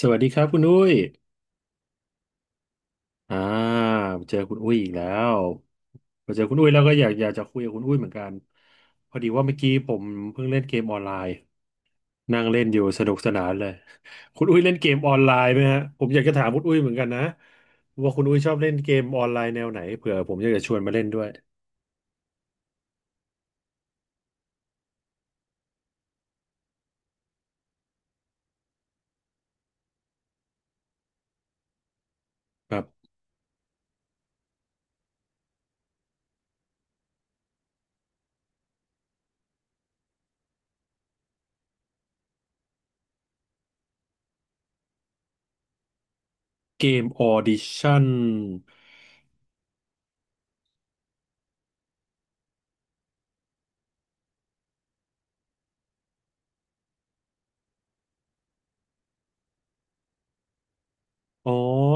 สวัสดีครับคุณอุ้ยอ่าเจอคุณอุ้ยอีกแล้วมาเจอคุณอุ้ยแล้วก็อยากจะคุยกับคุณอุ้ยเหมือนกันพอดีว่าเมื่อกี้ผมเพิ่งเล่นเกมออนไลน์นั่งเล่นอยู่สนุกสนานเลย คุณอุ้ยเล่นเกมออนไลน์ไหมฮะผมอยากจะถามคุณอุ้ยเหมือนกันนะว่าคุณอุ้ยชอบเล่นเกมออนไลน์แนวไหนเผื่อผมอยากจะชวนมาเล่นด้วยครับเกมออดิชั่นอ๋อ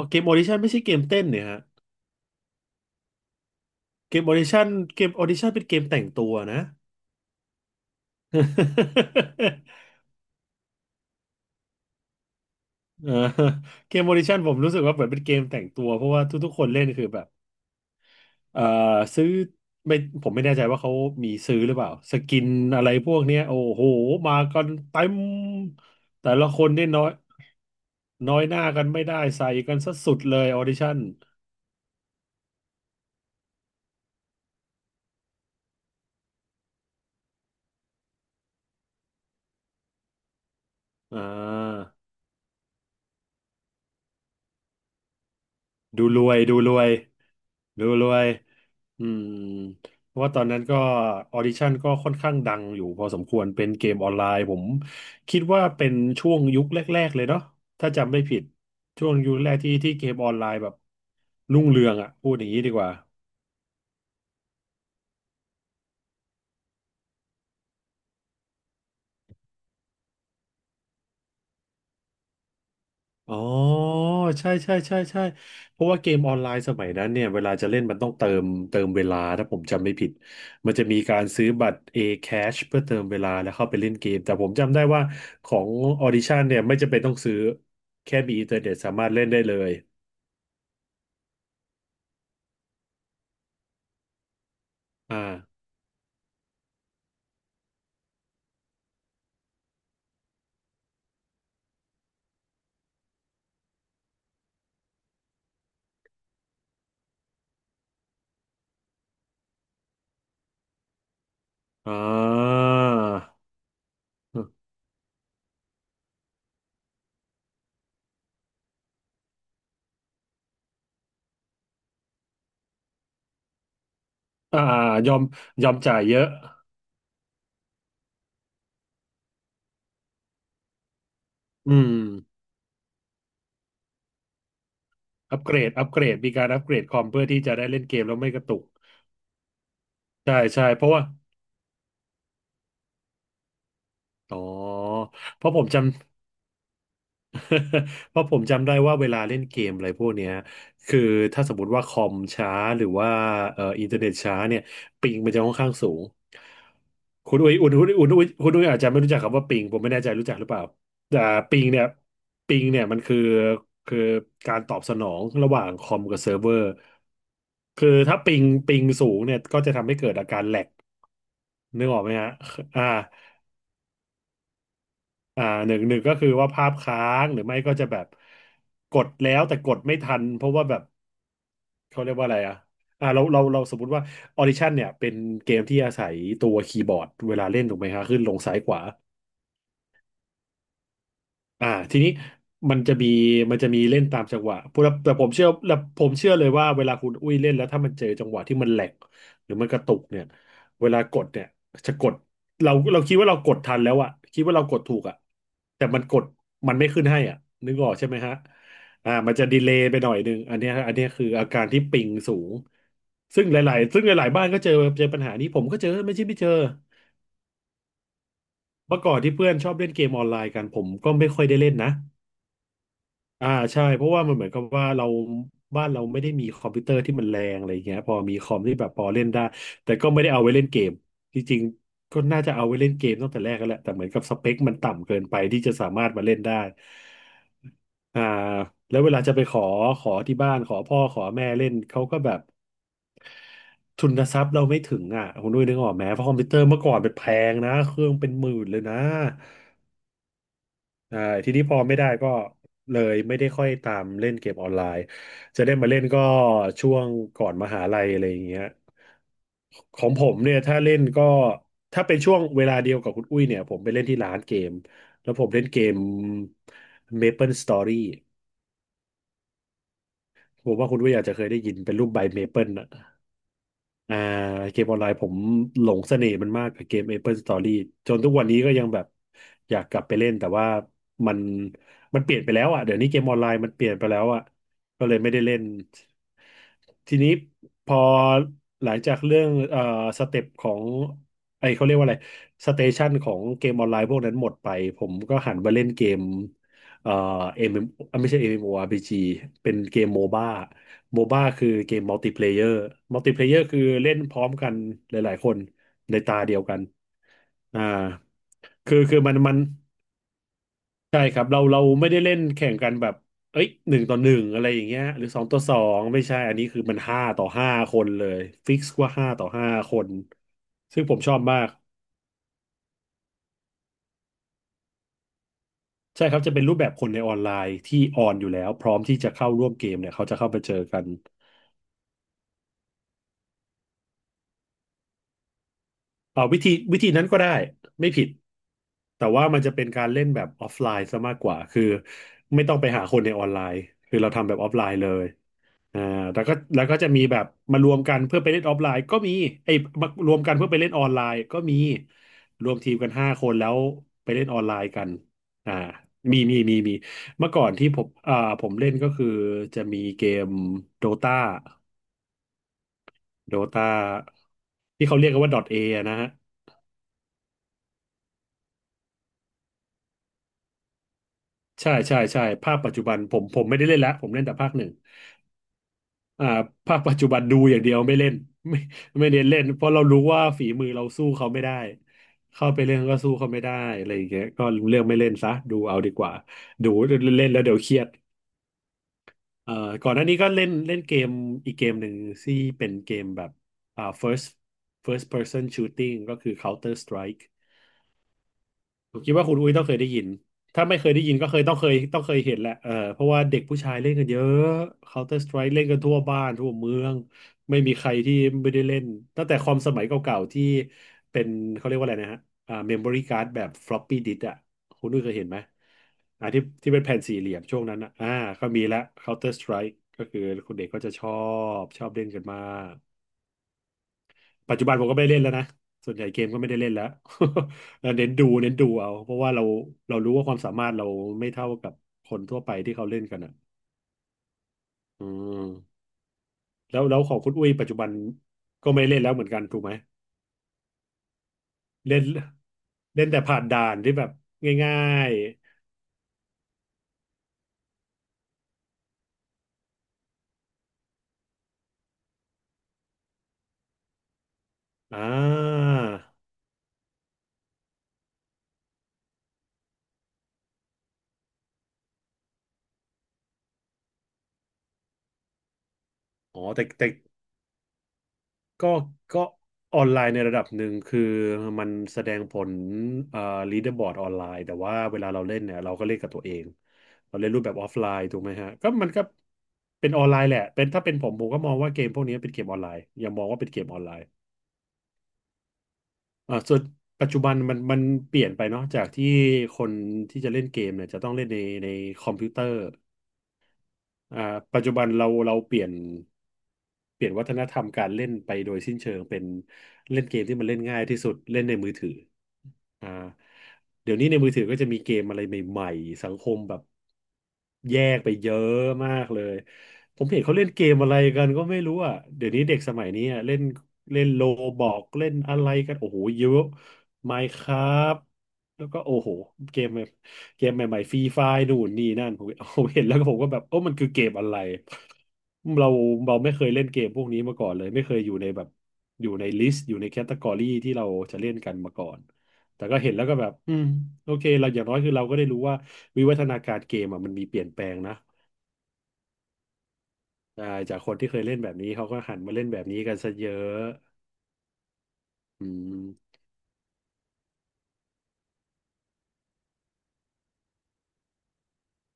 เกมออดิชั่นไม่ใช่เกมเต้นเนี่ยฮะเกมออดิชั่นเกมออดิชั่นเป็นเกมแต่งตัวนะ เออเกม Audition ผมรู้สึกว่าเหมือนเป็นเกมแต่งตัวเพราะว่าทุกๆคนเล่นคือแบบเอ่อซื้อไม่ผมไม่แน่ใจว่าเขามีซื้อหรือเปล่าสกินอะไรพวกเนี้ยโอ้โหมากันเต็มแต่ละคนนี่น้อยน้อยหน้ากันไม่ได้ใส่กันซะสุดเลย Audition อ่า ดูรวยดูรวยดูรวย อืมเพราะว่าตอนนั้นก็ออดิชั่นก็ค่อนข้างดังอยู่พอสมควรเป็นเกมออนไลน์ผมคิดว่าเป็นช่วงยุคแรกๆเลยเนาะถ้าจำไม่ผิดช่วงยุคแรกที่เกมออนไลน์แบบรุ่งเรืองอ่ะพูดอย่างนี้ดีกว่า อ๋อใช่ใช่ใช่ใช่เพราะว่าเกมออนไลน์สมัยนั้นเนี่ยเวลาจะเล่นมันต้องเติมเวลาถ้าผมจำไม่ผิดมันจะมีการซื้อบัตร A Cash เพื่อเติมเวลาแล้วเข้าไปเล่นเกมแต่ผมจำได้ว่าของ Audition เนี่ยไม่จำเป็นต้องซื้อแค่มีอินเทอร์เน็ตสามารถเล่นได้เลยอ่าอ่าอ่ายอมยอมจ่ายเยอะอืมอัปเกรดมีการอัปเกรดคอมเพื่อที่จะได้เล่นเกมแล้วไม่กระตุกใช่ใช่เพราะว่าอ๋อเพราะผมจำ เพราะผมจำได้ว่าเวลาเล่นเกมอะไรพวกเนี้ยคือถ้าสมมติว่าคอมช้าหรือว่าอินเทอร์เน็ตช้าเนี่ยปิงมันจะค่อนข้างสูงคุณอุ้ยอาจจะไม่รู้จักคำว่าปิงผมไม่แน่ใจรู้จักหรือเปล่าแต่ปิงเนี่ยปิงเนี่ยมันคือคือการตอบสนองระหว่างคอมกับเซิร์ฟเวอร์คือถ้าปิงสูงเนี่ยก็จะทำให้เกิดอาการแหลกนึกออกไหมฮะอ่า อ่าหนึ่งก็คือว่าภาพค้างหรือไม่ก็จะแบบกดแล้วแต่กดไม่ทันเพราะว่าแบบเขาเรียกว่าอะไรอ่ะอ่าเราสมมติว่าออดิชั่นเนี่ยเป็นเกมที่อาศัยตัวคีย์บอร์ดเวลาเล่นถูกไหมฮะขึ้นลงซ้ายขวา อ่าทีนี้มันจะมีมันจะมีเล่นตามจังหวะพูดแล้วแต่ผมเชื่อเลยว่าเวลาคุณอุ้ยเล่นแล้วถ้ามันเจอจังหวะที่มันแหลกหรือมันกระตุกเนี่ยเวลากดเนี่ยจะกดเราคิดว่าเรากดทันแล้วอะคิดว่าเรากดถูกอะแต่มันไม่ขึ้นให้อ่ะนึกออกใช่ไหมฮะอ่ามันจะดีเลย์ไปหน่อยนึงอันเนี้ยคืออาการที่ปิงสูงซึ่งหลายๆซึ่งหลายๆบ้านก็เจอปัญหานี้ผมก็เจอไม่ใช่ไม่เจอเมื่อก่อนที่เพื่อนชอบเล่นเกมออนไลน์กันผมก็ไม่ค่อยได้เล่นนะ อ่าใช่เพราะว่ามันเหมือนกับว่าเราบ้านเราไม่ได้มีคอมพิวเตอร์ที่มันแรงอะไรอย่างเงี้ยพอมีคอมที่แบบพอเล่นได้แต่ก็ไม่ได้เอาไว้เล่นเกมจริงๆก็น่าจะเอาไว้เล่นเกมตั้งแต่แรกแล้วแหละแต่เหมือนกับสเปคมันต่ำเกินไปที่จะสามารถมาเล่นได้อ่าแล้วเวลาจะไปขอขอที่บ้านขอพ่อขอแม่เล่นเขาก็แบบทุนทรัพย์เราไม่ถึงอ่ะคุณด้วยนึกออกไหมเพราะคอมพิวเตอร์เมื่อก่อนเป็นแพงนะเครื่องเป็นหมื่นเลยนะ ใช่ทีนี้พอไม่ได้ก็เลยไม่ได้ค่อยตามเล่นเกมออนไลน์ จะได้มาเล่นก็ช่วงก่อนมหาลัยอะไรอย่างเงี้ยของผมเนี่ยถ้าเล่นก็ถ้าเป็นช่วงเวลาเดียวกับคุณอุ้ยเนี่ยผมไปเล่นที่ร้านเกมแล้วผมเล่นเกม Maple Story ผมว่าคุณอุ้ยอาจจะเคยได้ยินเป็นรูปใบเมเปิลอะ อ่าเกมออนไลน์ผมหลงเสน่ห์มันมากกับเกม Maple Story จนทุกวันนี้ก็ยังแบบอยากกลับไปเล่นแต่ว่ามันมันเปลี่ยนไปแล้วอ่ะเดี๋ยวนี้เกมออนไลน์มันเปลี่ยนไปแล้วอ่ะก็เลยไม่ได้เล่นทีนี้พอหลังจากเรื่องสเต็ปของไอเขาเรียกว่าอะไรสเตชันของเกมออนไลน์พวกนั้นหมดไปผมก็หันมาเล่นเกม เอ่อ MM เอ็มเอ็มไม่ใช่ MMORPG เป็นเกมโมบ้าโมบ้าคือเกมมัลติเพลเยอร์มัลติเพลเยอร์คือเล่นพร้อมกันหลายๆคนในตาเดียวกันอ่าคือคือมันมันใช่ครับเราไม่ได้เล่นแข่งกันแบบเอ้ยหนึ่งต่อหนึ่งอะไรอย่างเงี้ยหรือสองต่อสองไม่ใช่อันนี้คือมันห้าต่อห้าคนเลยฟิกซ์ว่าห้าต่อห้าคนซึ่งผมชอบมากใช่ครับจะเป็นรูปแบบคนในออนไลน์ที่ออนอยู่แล้วพร้อมที่จะเข้าร่วมเกมเนี่ยเขาจะเข้าไปเจอกัน วิธีนั้นก็ได้ไม่ผิดแต่ว่ามันจะเป็นการเล่นแบบออฟไลน์ซะมากกว่าคือไม่ต้องไปหาคนในออนไลน์คือเราทำแบบออฟไลน์เลยอ่าแล้วก็จะมีแบบมารวมกันเพื่อไปเล่นออฟไลน์ก็มีไอ้ยมารวมกันเพื่อไปเล่นออนไลน์ก็มีรวมทีมกันห้าคนแล้วไปเล่นออนไลน์กันอ่ามีเมื่อก่อนที่ผมเล่นก็คือจะมีเกมโดตาโดตาที่เขาเรียกกันว่า .A อะนะฮะ ใช่ใช่ใช่ภาคปัจจุบันผมไม่ได้เล่นแล้วผมเล่นแต่ภาคหนึ่งอ่าภาคปัจจุบันดูอย่างเดียวไม่เล่น ไม่ไม่เน้นเล่นเพราะเรารู้ว่าฝีมือเราสู้เขาไม่ได้เข้าไปเล่นก็สู้เขาไม่ได้อะไรอย่างเงี้ยก็เลือกไม่เล่นซะดูเอาดีกว่าดูเล่นแล้วเดี๋ยวเครียดเอ่อก่อนหน้านี้ก็เล่นเล่นเกมอีกเกมหนึ่งที่เป็นเกมแบบอ่า first first person shooting ก็คือ Counter Strike ผมคิดว่าคุณอุ้ยต้องเคยได้ยิน ถ้าไม่เคยได้ยินก็เคยต้องเคยเห็นแหละเออเพราะว่าเด็กผู้ชายเล่นกันเยอะ Counter Strike เล่นกันทั่วบ้านทั่วเมือง ไม่มีใครที่ไม่ได้เล่นตั้งแต่คอมสมัยเก่าๆที่เป็นเขาเรียกว่าอะไรนะฮะอ่า memory card แบบ floppy disk อ่ะคุณอุ้ยเคยเห็นไหมอ่าที่ที่เป็นแผ่นสี่เหลี่ยมช่วงนั้นอ่ะอ่าก็มีละ Counter Strike ก็คือคุณเด็กก็จะชอบเล่นกันมาก ปัจจุบันผมก็ไม่ได้เล่นแล้วนะส่วนใหญ่เกมก็ไม่ได้เล่นแล้ว แล้วเน้นดูเน้นดูเอาเพราะว่าเรารู้ว่าความสามารถเราไม่เท่ากับคนทั่วไปที่เขาเล่นกันอ่ะอืมแล้วแล้วของคุณอุ้ยปัจจุบันก็ไม่เล่นแล้วเหมือนกันถูกไหมเล่นเล่นแต่ผ่านด่านที่แบบง่ายๆอ่าอ๋อแต่แต่ ก็ก็ออนไลน์ในระดับหนึ่งคือมันแสดงผลเอ่อลีดเดอร์บอร์ดออนไลน์แต่ว่าเวลาเราเล่นเนี่ยเราก็เล่นกับตัวเองเราเล่นรูปแบบออฟไลน์ถูกไหมฮะก็มันก็เป็นออนไลน์แหละเป็นถ้าเป็นผมก็มองว่าเกมพวกนี้เป็นเกมออนไลน์ยังมองว่าเป็นเกมออนไลน์อ่าส่วนปัจจุบันมันเปลี่ยนไปเนาะจากที่คนที่จะเล่นเกมเนี่ยจะต้องเล่นในในคอมพิวเตอร์ อ่าปัจจุบันเราเปลี่ยนวัฒนธรรมการเล่นไปโดยสิ้นเชิงเป็นเล่นเกมที่มันเล่นง่ายที่สุดเล่นในมือถือ อ่าเดี๋ยวนี้ในมือถือก็จะมีเกมอะไรใหม่ๆสังคมแบบแยกไปเยอะมากเลยผมเห็นเขาเล่นเกมอะไรกันก็ไม่รู้อ่ะเดี๋ยวนี้เด็กสมัยนี้อะเล่นเล่นโลบอกเล่นอะไรกันโอ้โหเยอะ Minecraft แล้วก็โอ้โหเกมแบบเกมใหม่ๆฟรีไฟนู่นนี่นั่นผมเห็นแล้วก็ผมก็แบบโอ้มันคือเกมอะไรเราเราไม่เคยเล่นเกมพวกนี้มาก่อนเลยไม่เคยอยู่ในแบบอยู่ในลิสต์อยู่ในแคตตากรีที่เราจะเล่นกันมาก่อน แต่ก็เห็นแล้วก็แบบอืมโอเคเราอย่างน้อยคือเราก็ได้รู้ว่าวิวัฒนาการเกมอ่ะมันมีเปลี่ยนแปลงนะใช่จากคนที่เคยเล่นแบบนี้เขาก็หันมาเล่นแบบนี้กันซะเยอะอืม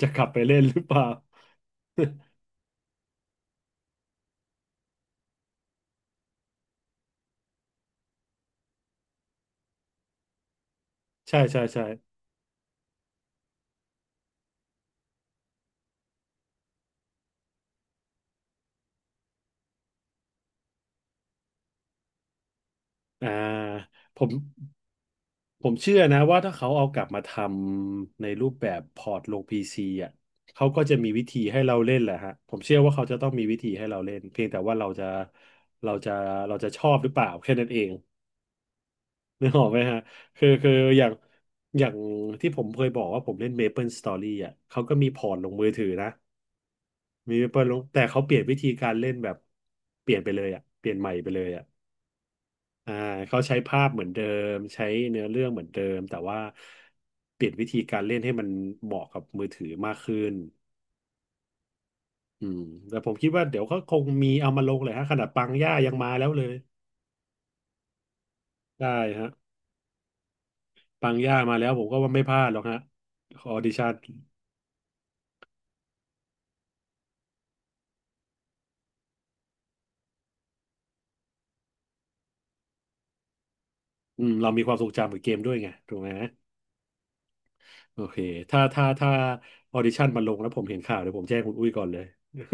จะกลับไปเล่นหรือเปล่า ใช่ใช่ใช่อ่าผมผมเชื่อนะว่าถ้าเขาเอากลับมาทำในรูปแบบพอร์ตลงพีซีอ่ะเขาก็จะมีวิธีให้เราเล่นแหละฮะผมเชื่อว่าเขาจะต้องมีวิธีให้เราเล่นเพียงแต่ว่าเราจะเราจะชอบหรือเปล่าแค่นั้นเอง นึกออกไหมฮะคือคืออย่างอย่างที่ผมเคยบอกว่าผมเล่น Maple Story อ่ะเขาก็มีพอร์ตลงมือถือนะมี Maple ลงแต่เขาเปลี่ยนวิธีการเล่นแบบเปลี่ยนไปเลยอ่ะเปลี่ยนใหม่ไปเลยอ่ะอ่าเขาใช้ภาพเหมือนเดิมใช้เนื้อเรื่องเหมือนเดิมแต่ว่าเปลี่ยนวิธีการเล่นให้มันเหมาะกับมือถือมากขึ้นอืมแต่ผมคิดว่าเดี๋ยวก็คงมีเอามาลงเลยฮะขนาดปังย่ายังมาแล้วเลยได้ฮะปังย่ามาแล้วผมก็ว่าไม่พลาดหรอกฮะออดิชั่น อืมเรามีความทรงจำกับเกมด้วยไงถูกไหมโอเคถ้าออดิชั่นมาลงแล้วผมเห็นข่าวเดี๋ยวผมแจ้งคุณอุ้ยก่อนเลย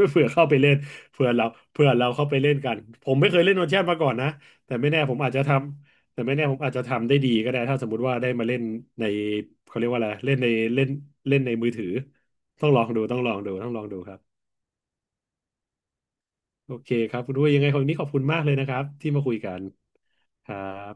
เผื่อเข้าไปเล่นเผื่อเราเผื่อเราเข้าไปเล่นกันผมไม่เคยเล่นออดิชั่นมาก่อนนะแต่ไม่แน่ผมอาจจะทำแต่ไม่แน่ผมอาจจะทำได้ดีก็ได้ถ้าสมมุติว่าได้มาเล่นในเขาเรียกว่าอะไรเล่นเล่นในมือถือต้องลองดูต้องลองดูต้องลองดูครับโอเคครับคุณอุ้ยยังไงคนนี้ขอบคุณมากเลยนะครับที่มาคุยกันครับ